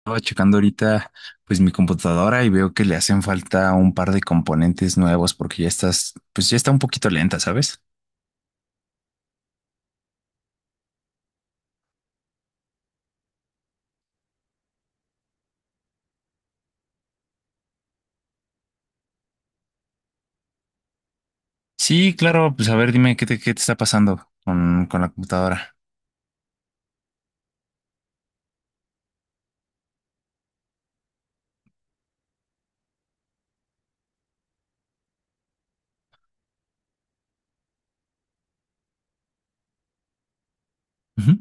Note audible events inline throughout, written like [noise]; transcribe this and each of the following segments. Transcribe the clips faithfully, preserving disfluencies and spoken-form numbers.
Estaba checando ahorita pues mi computadora y veo que le hacen falta un par de componentes nuevos porque ya estás, pues ya está un poquito lenta, ¿sabes? Sí, claro, pues a ver, dime qué te, qué te está pasando con, con la computadora. Ujú.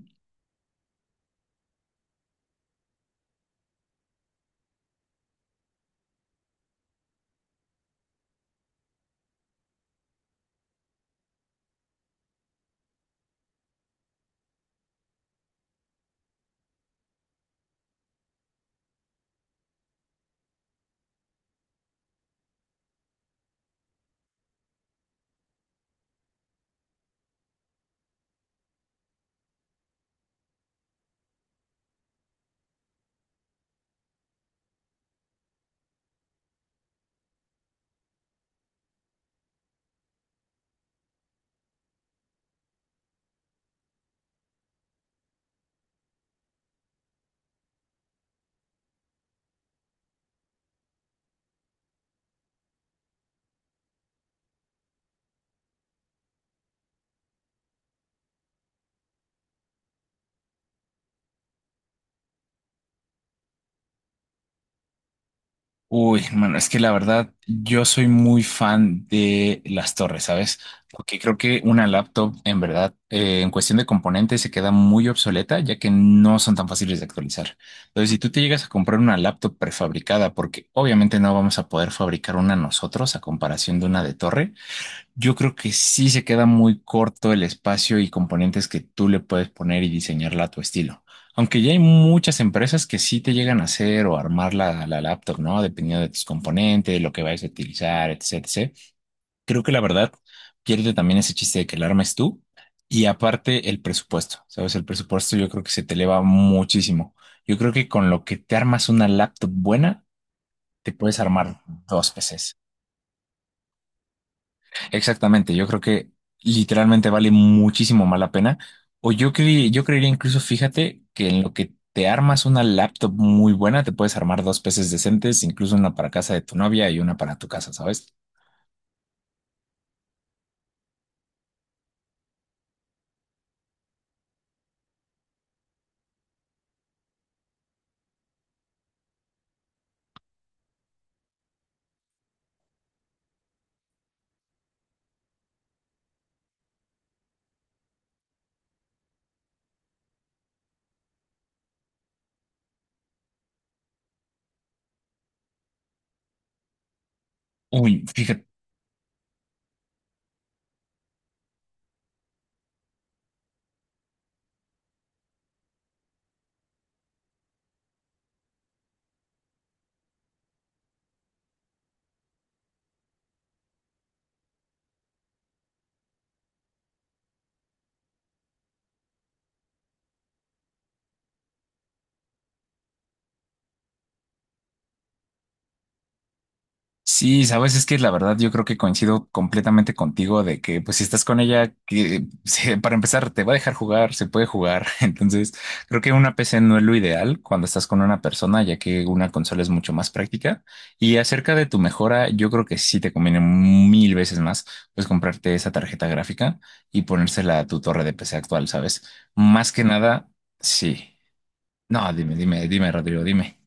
Uy, hermano, es que la verdad, yo soy muy fan de las torres, ¿sabes? Porque creo que una laptop, en verdad, eh, en cuestión de componentes, se queda muy obsoleta, ya que no son tan fáciles de actualizar. Entonces, si tú te llegas a comprar una laptop prefabricada, porque obviamente no vamos a poder fabricar una nosotros a comparación de una de torre, yo creo que sí se queda muy corto el espacio y componentes que tú le puedes poner y diseñarla a tu estilo. Aunque ya hay muchas empresas que sí te llegan a hacer o armar la, la laptop, ¿no? Dependiendo de tus componentes, lo que vayas a utilizar, etcétera. Etc. Creo que la verdad pierde también ese chiste de que la armes tú y aparte el presupuesto, ¿sabes? El presupuesto yo creo que se te eleva muchísimo. Yo creo que con lo que te armas una laptop buena, te puedes armar dos P Cs. Exactamente, yo creo que literalmente vale muchísimo más la pena. O yo cre- yo creería incluso, fíjate, que en lo que te armas una laptop muy buena, te puedes armar dos peces decentes, incluso una para casa de tu novia y una para tu casa, ¿sabes? Uy, fíjate. Sí, sabes, es que la verdad yo creo que coincido completamente contigo de que pues si estás con ella, que eh, [laughs] se- para empezar te va a dejar jugar, se puede jugar. [laughs] Entonces, creo que una P C no es lo ideal cuando estás con una persona, ya que una consola es mucho más práctica. Y acerca de tu mejora, yo creo que sí te conviene mil veces más pues comprarte esa tarjeta gráfica y ponérsela a tu torre de P C actual, ¿sabes? Más que nada, sí. No, dime, dime, dime, Rodrigo, dime.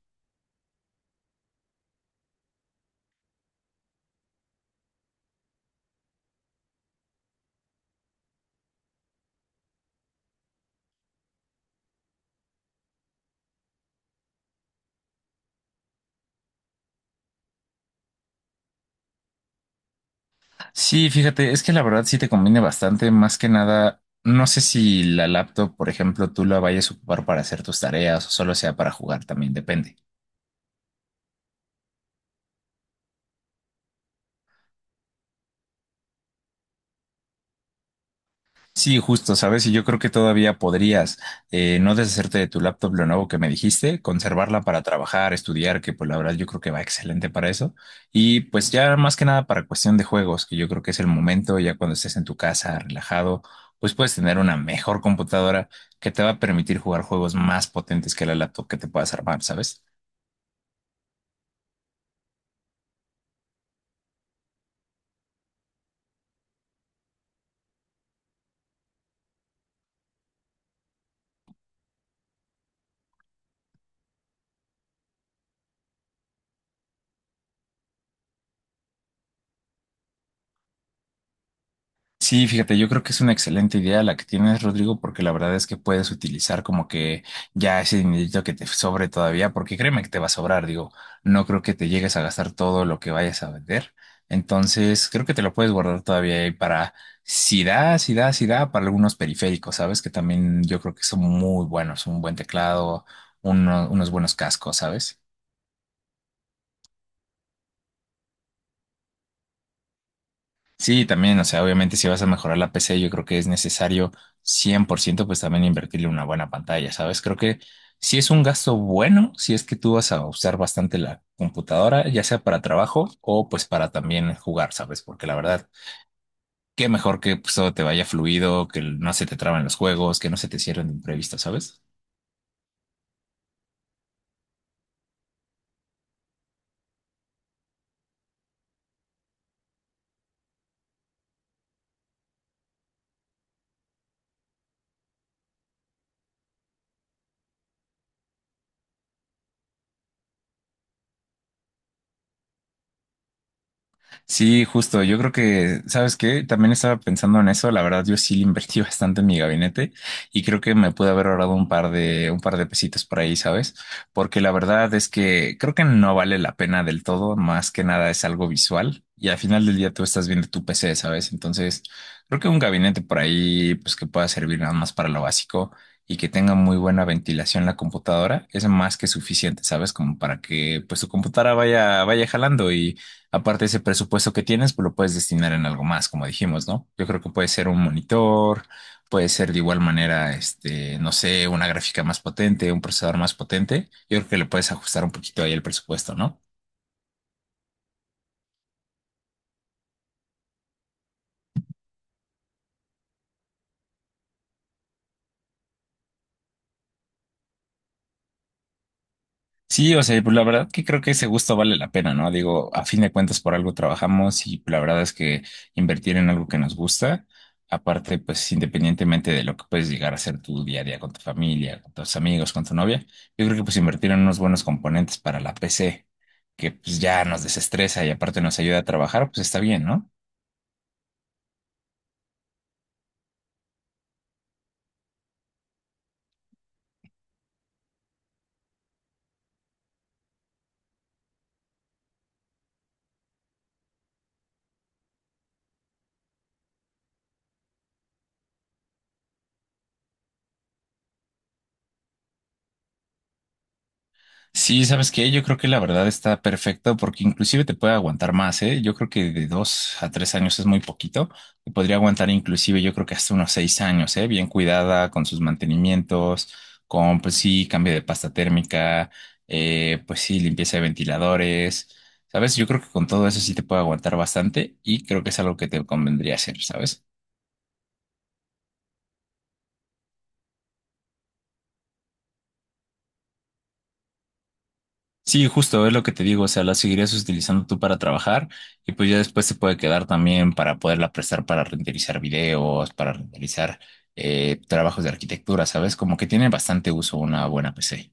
Sí, fíjate, es que la verdad sí te conviene bastante, más que nada, no sé si la laptop, por ejemplo, tú la vayas a ocupar para hacer tus tareas o solo sea para jugar, también depende. Sí, justo, ¿sabes? Y yo creo que todavía podrías eh, no deshacerte de tu laptop lo nuevo que me dijiste, conservarla para trabajar, estudiar, que pues la verdad yo creo que va excelente para eso. Y pues ya más que nada para cuestión de juegos, que yo creo que es el momento, ya cuando estés en tu casa, relajado, pues puedes tener una mejor computadora que te va a permitir jugar juegos más potentes que la laptop que te puedas armar, ¿sabes? Sí, fíjate, yo creo que es una excelente idea la que tienes, Rodrigo, porque la verdad es que puedes utilizar como que ya ese dinerito que te sobre todavía, porque créeme que te va a sobrar, digo, no creo que te llegues a gastar todo lo que vayas a vender. Entonces, creo que te lo puedes guardar todavía ahí para si da, si da, si da, para algunos periféricos, ¿sabes? Que también yo creo que son muy buenos, un buen teclado, uno- unos buenos cascos, ¿sabes? Sí, también, o sea, obviamente si vas a mejorar la P C, yo creo que es necesario cien por ciento, pues también invertirle una buena pantalla, ¿sabes? Creo que sí es un gasto bueno, si es que tú vas a usar bastante la computadora, ya sea para trabajo o pues para también jugar, ¿sabes? Porque la verdad, qué mejor que pues, todo te vaya fluido, que no se te traban los juegos, que no se te cierren de imprevisto, ¿sabes? Sí, justo. Yo creo que, ¿sabes qué? También estaba pensando en eso. La verdad, yo sí le invertí [laughs] bastante en mi gabinete y creo que me pude haber ahorrado un par de, un par de pesitos por ahí, ¿sabes? Porque la verdad es que creo que no vale la pena del todo. Más que nada es algo visual y al final del día tú estás viendo tu P C, ¿sabes? Entonces, creo que un gabinete por ahí, pues que pueda servir nada más para lo básico y que tenga muy buena ventilación la computadora es más que suficiente, ¿sabes? Como para que pues tu computadora vaya, vaya jalando aparte de ese presupuesto que tienes, pues lo puedes destinar en algo más, como dijimos, ¿no? Yo creo que puede ser un monitor, puede ser de igual manera, este, no sé, una gráfica más potente, un procesador más potente. Yo creo que le puedes ajustar un poquito ahí el presupuesto, ¿no? Sí, o sea, pues la verdad que creo que ese gusto vale la pena, ¿no? Digo, a fin de cuentas por algo trabajamos y la verdad es que invertir en algo que nos gusta, aparte, pues independientemente de lo que puedes llegar a hacer tu día a día con tu familia, con tus amigos, con tu novia, yo creo que pues invertir en unos buenos componentes para la P C, que pues ya nos desestresa y aparte nos ayuda a trabajar, pues está bien, ¿no? Sí, ¿sabes qué? Yo creo que la verdad está perfecto porque inclusive te puede aguantar más, ¿eh? Yo creo que de dos a tres años es muy poquito. Te podría aguantar inclusive yo creo que hasta unos seis años, ¿eh? Bien cuidada con sus mantenimientos, con pues sí, cambio de pasta térmica, eh, pues sí, limpieza de ventiladores, ¿sabes? Yo creo que con todo eso sí te puede aguantar bastante y creo que es algo que te convendría hacer, ¿sabes? Sí, justo es lo que te digo, o sea, la seguirías utilizando tú para trabajar y pues ya después se puede quedar también para poderla prestar para renderizar videos, para renderizar eh, trabajos de arquitectura, ¿sabes? Como que tiene bastante uso una buena P C.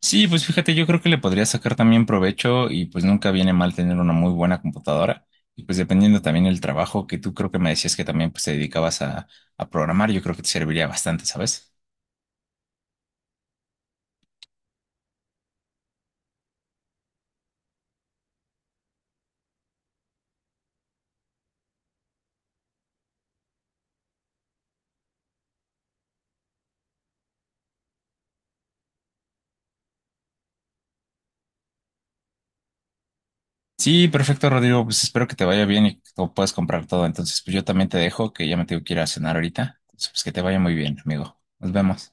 Sí, pues fíjate, yo creo que le podría sacar también provecho y pues nunca viene mal tener una muy buena computadora y pues dependiendo también el trabajo que tú creo que me decías que también pues te dedicabas a, a programar, yo creo que te serviría bastante, ¿sabes? Sí, perfecto, Rodrigo. Pues espero que te vaya bien y que tú puedas comprar todo. Entonces, pues yo también te dejo, que ya me tengo que ir a cenar ahorita. Entonces, pues que te vaya muy bien, amigo. Nos vemos.